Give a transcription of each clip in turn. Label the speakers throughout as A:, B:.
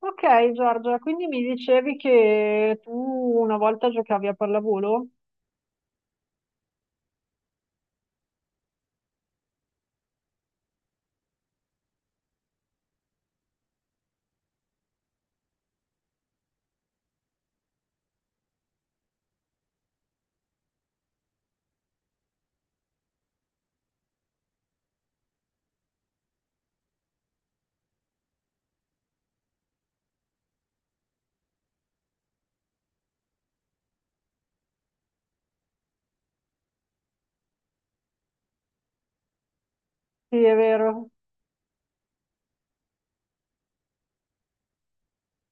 A: Ok, Giorgia, quindi mi dicevi che tu una volta giocavi a pallavolo? Sì, è vero.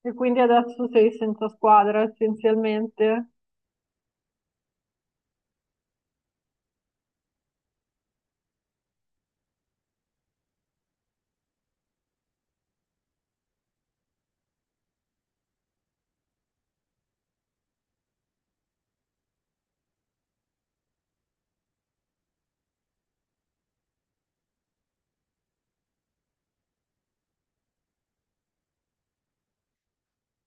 A: E quindi adesso sei senza squadra essenzialmente?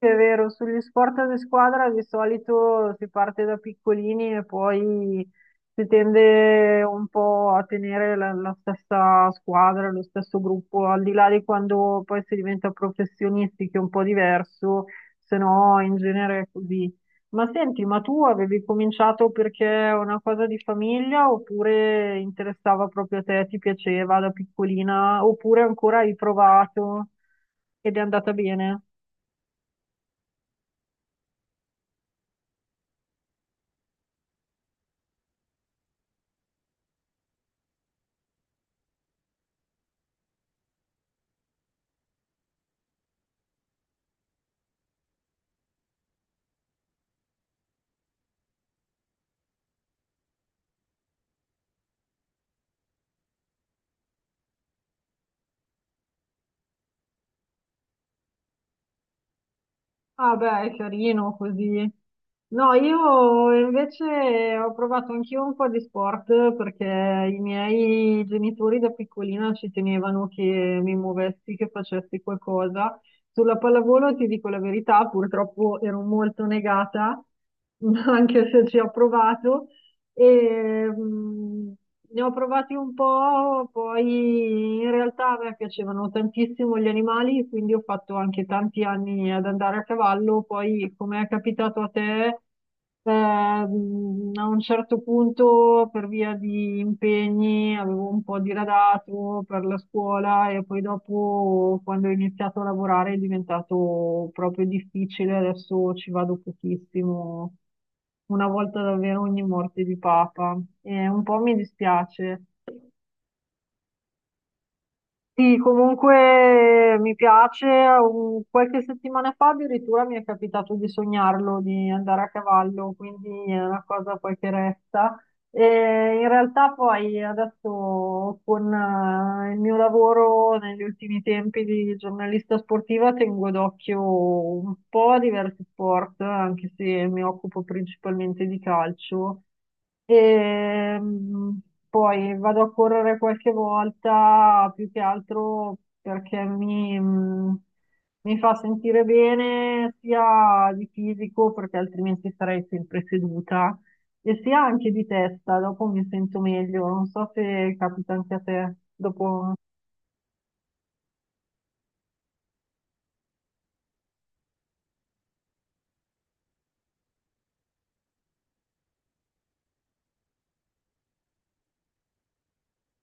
A: Sì, è vero, sugli sport di squadra di solito si parte da piccolini e poi si tende un po' a tenere la stessa squadra, lo stesso gruppo, al di là di quando poi si diventa professionisti, che è un po' diverso, se no in genere è così. Ma senti, ma tu avevi cominciato perché è una cosa di famiglia oppure interessava proprio a te, ti piaceva da piccolina, oppure ancora hai provato ed è andata bene? Ah beh, è carino così. No, io invece ho provato anch'io un po' di sport perché i miei genitori da piccolina ci tenevano che mi muovessi, che facessi qualcosa. Sulla pallavolo, ti dico la verità, purtroppo ero molto negata, anche se ci ho provato. E, ne ho provati un po'. Poi in realtà a me piacevano tantissimo gli animali, quindi ho fatto anche tanti anni ad andare a cavallo. Poi, come è capitato a te, a un certo punto, per via di impegni, avevo un po' diradato per la scuola e poi dopo, quando ho iniziato a lavorare, è diventato proprio difficile. Adesso ci vado pochissimo, una volta davvero ogni morte di papa, e un po' mi dispiace. Sì, comunque mi piace. Qualche settimana fa addirittura mi è capitato di sognarlo, di andare a cavallo, quindi è una cosa poi che resta. E in realtà poi adesso con il mio lavoro negli ultimi tempi di giornalista sportiva tengo d'occhio un po' diversi sport, anche se mi occupo principalmente di calcio. E poi vado a correre qualche volta, più che altro perché mi fa sentire bene sia di fisico, perché altrimenti sarei sempre seduta, e sì, anche di testa, dopo mi sento meglio, non so se capita anche a te, dopo.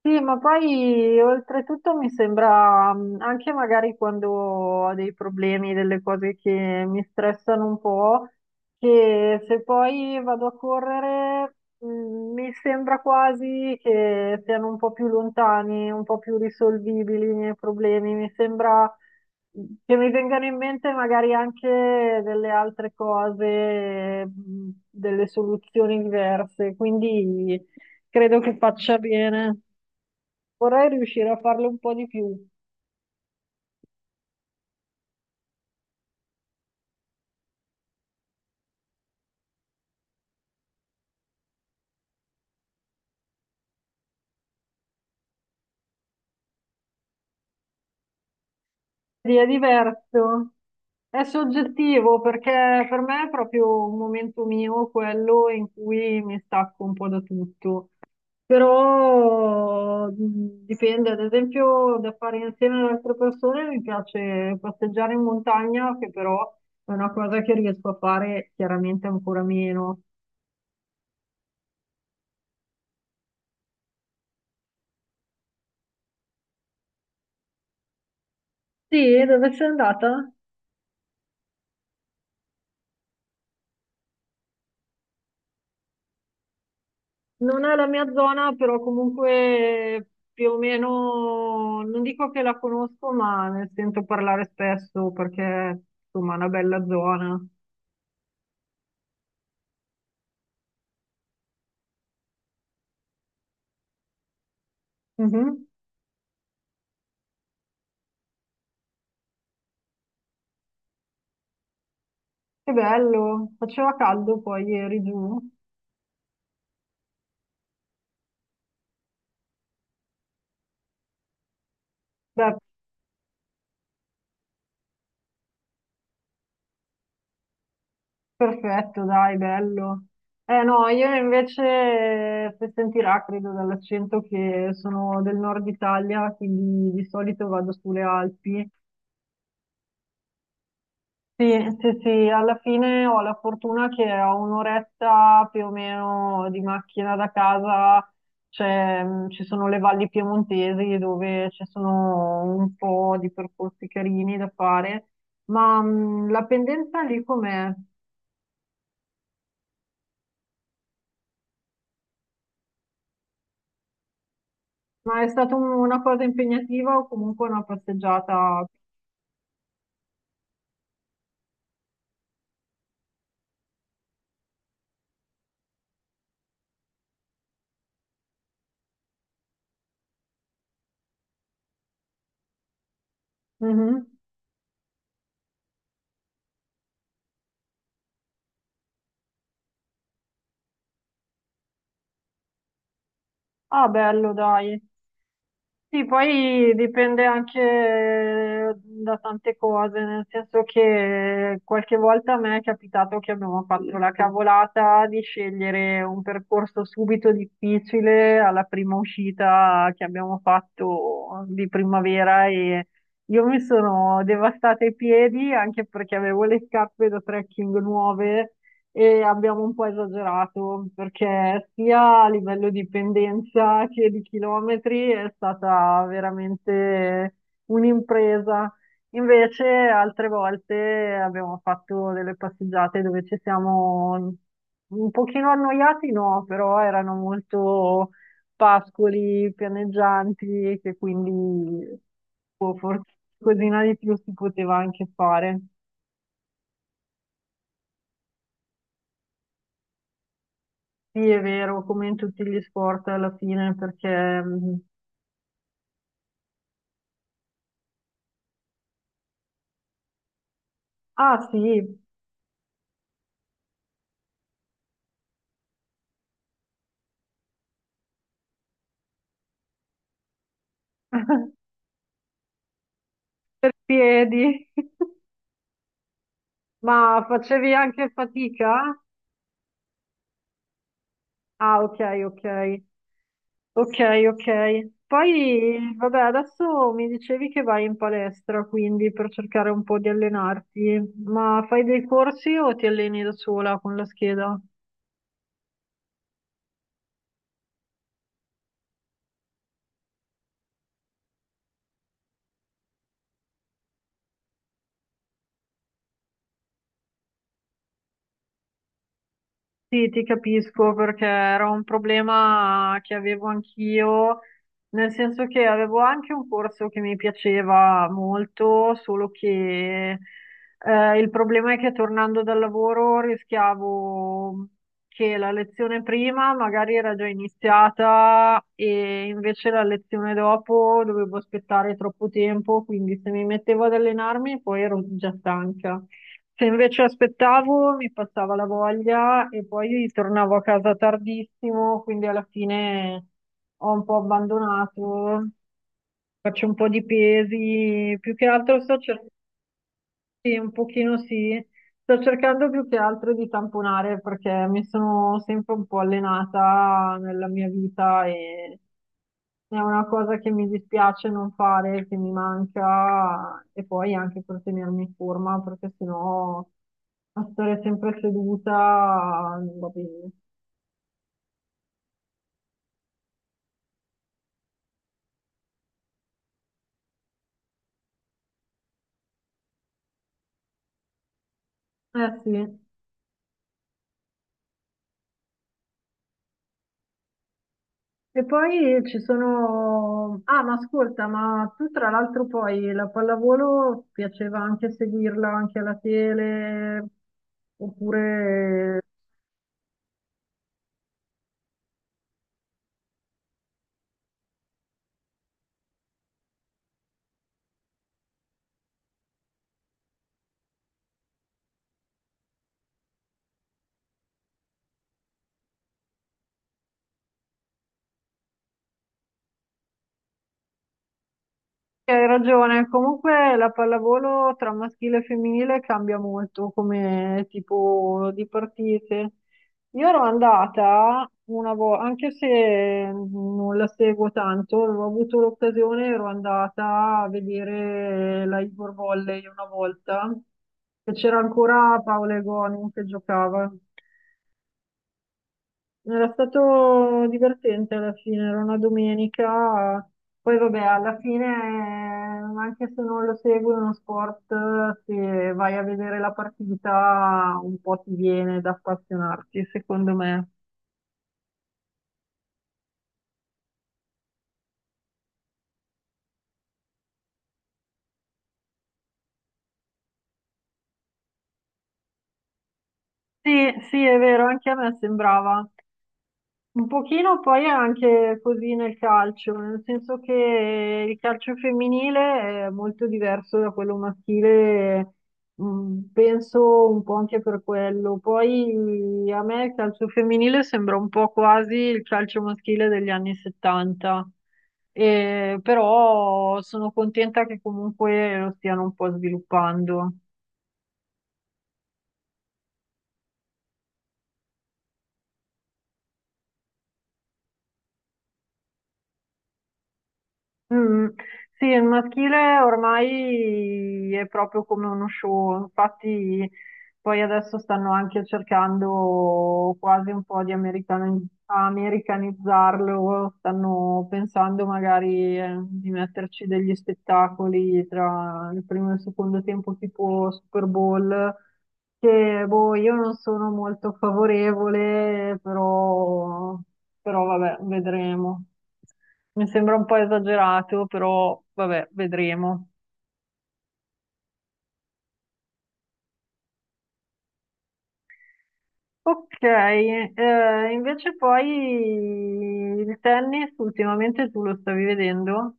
A: Sì, ma poi oltretutto mi sembra, anche magari quando ho dei problemi, delle cose che mi stressano un po', che se poi vado a correre, mi sembra quasi che siano un po' più lontani, un po' più risolvibili i miei problemi. Mi sembra, che mi vengano in mente magari anche delle altre cose, delle soluzioni diverse. Quindi credo che faccia bene. Vorrei riuscire a farlo un po' di più. Sì, è diverso, è soggettivo perché per me è proprio un momento mio quello in cui mi stacco un po' da tutto. Però dipende, ad esempio, da fare insieme ad altre persone mi piace passeggiare in montagna, che però è una cosa che riesco a fare chiaramente ancora meno. Sì, dove sei andata? Non è la mia zona, però comunque più o meno, non dico che la conosco, ma ne sento parlare spesso perché insomma è una bella zona. Mhm. Che bello, faceva caldo poi ieri giù. Beh, perfetto, dai, bello. Eh no, io invece, se sentirà, credo dall'accento che sono del nord Italia, quindi di solito vado sulle Alpi. Sì, sì, sì, alla fine ho la fortuna che a un'oretta più o meno di macchina da casa ci sono le valli piemontesi dove ci sono un po' di percorsi carini da fare, ma la pendenza lì com'è? Ma è stata una cosa impegnativa o comunque una passeggiata? Mhm. Ah, bello, dai. Sì, poi dipende anche da tante cose, nel senso che qualche volta a me è capitato che abbiamo fatto la cavolata di scegliere un percorso subito difficile alla prima uscita che abbiamo fatto di primavera, e io mi sono devastata i piedi anche perché avevo le scarpe da trekking nuove e abbiamo un po' esagerato perché sia a livello di pendenza che di chilometri è stata veramente un'impresa. Invece altre volte abbiamo fatto delle passeggiate dove ci siamo un pochino annoiati, no, però erano molto pascoli pianeggianti, che quindi boh, forse qualcosina di più si poteva anche fare. Sì, è vero, come in tutti gli sport alla fine, perché... mm, Ah sì, piedi. Ma facevi anche fatica? Ah, ok, ok. Ok, ok. Poi, vabbè, adesso mi dicevi che vai in palestra, quindi per cercare un po' di allenarti, ma fai dei corsi o ti alleni da sola con la scheda? Sì, ti capisco perché era un problema che avevo anch'io, nel senso che avevo anche un corso che mi piaceva molto, solo che il problema è che tornando dal lavoro rischiavo che la lezione prima magari era già iniziata e invece la lezione dopo dovevo aspettare troppo tempo, quindi se mi mettevo ad allenarmi poi ero già stanca. Se invece aspettavo mi passava la voglia e poi tornavo a casa tardissimo, quindi alla fine ho un po' abbandonato, faccio un po' di pesi, più che altro sto cercando, un pochino sì, sto cercando più che altro di tamponare perché mi sono sempre un po' allenata nella mia vita e è una cosa che mi dispiace non fare, che mi manca e poi anche per tenermi in forma, perché sennò a stare sempre seduta non va bene. Eh sì. E poi ci sono... Ah, ma ascolta, ma tu tra l'altro poi la pallavolo piaceva anche seguirla anche alla tele, oppure... Hai ragione, comunque la pallavolo tra maschile e femminile cambia molto come tipo di partite. Io ero andata una volta, anche se non la seguo tanto, avevo avuto l'occasione, ero andata a vedere la Ivor Volley una volta, e c'era ancora Paola Egonu che giocava. Era stato divertente alla fine, era una domenica, poi vabbè, alla fine, anche se non lo segui uno sport, se vai a vedere la partita, un po' ti viene da appassionarti, secondo me. Sì, sì, è vero, anche a me sembrava. Un pochino poi è anche così nel calcio, nel senso che il calcio femminile è molto diverso da quello maschile, penso un po' anche per quello. Poi a me il calcio femminile sembra un po' quasi il calcio maschile degli anni 70. E però sono contenta che comunque lo stiano un po' sviluppando. Mm. Sì, il maschile ormai è proprio come uno show, infatti poi adesso stanno anche cercando quasi un po' di americanizzarlo, stanno pensando magari di metterci degli spettacoli tra il primo e il secondo tempo tipo Super Bowl, che boh, io non sono molto favorevole, però, però vabbè, vedremo. Mi sembra un po' esagerato, però vabbè, vedremo. Ok, invece poi il tennis ultimamente tu lo stavi vedendo?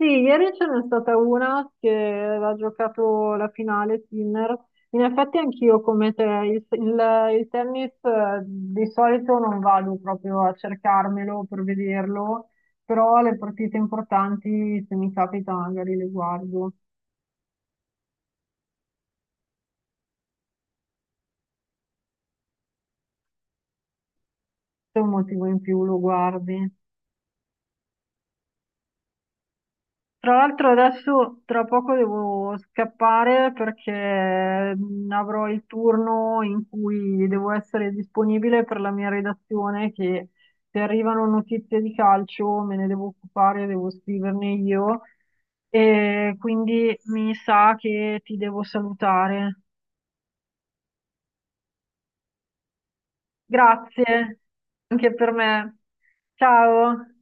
A: Sì, ieri ce n'è stata una che aveva giocato la finale, Sinner. In effetti anch'io come te, il tennis di solito non vado proprio a cercarmelo per vederlo, però le partite importanti se mi capita magari le guardo, se è un motivo in più lo guardi. Tra l'altro adesso tra poco devo scappare perché avrò il turno in cui devo essere disponibile per la mia redazione, che se arrivano notizie di calcio me ne devo occupare, devo scriverne io e quindi mi sa che ti devo salutare. Grazie anche per me. Ciao.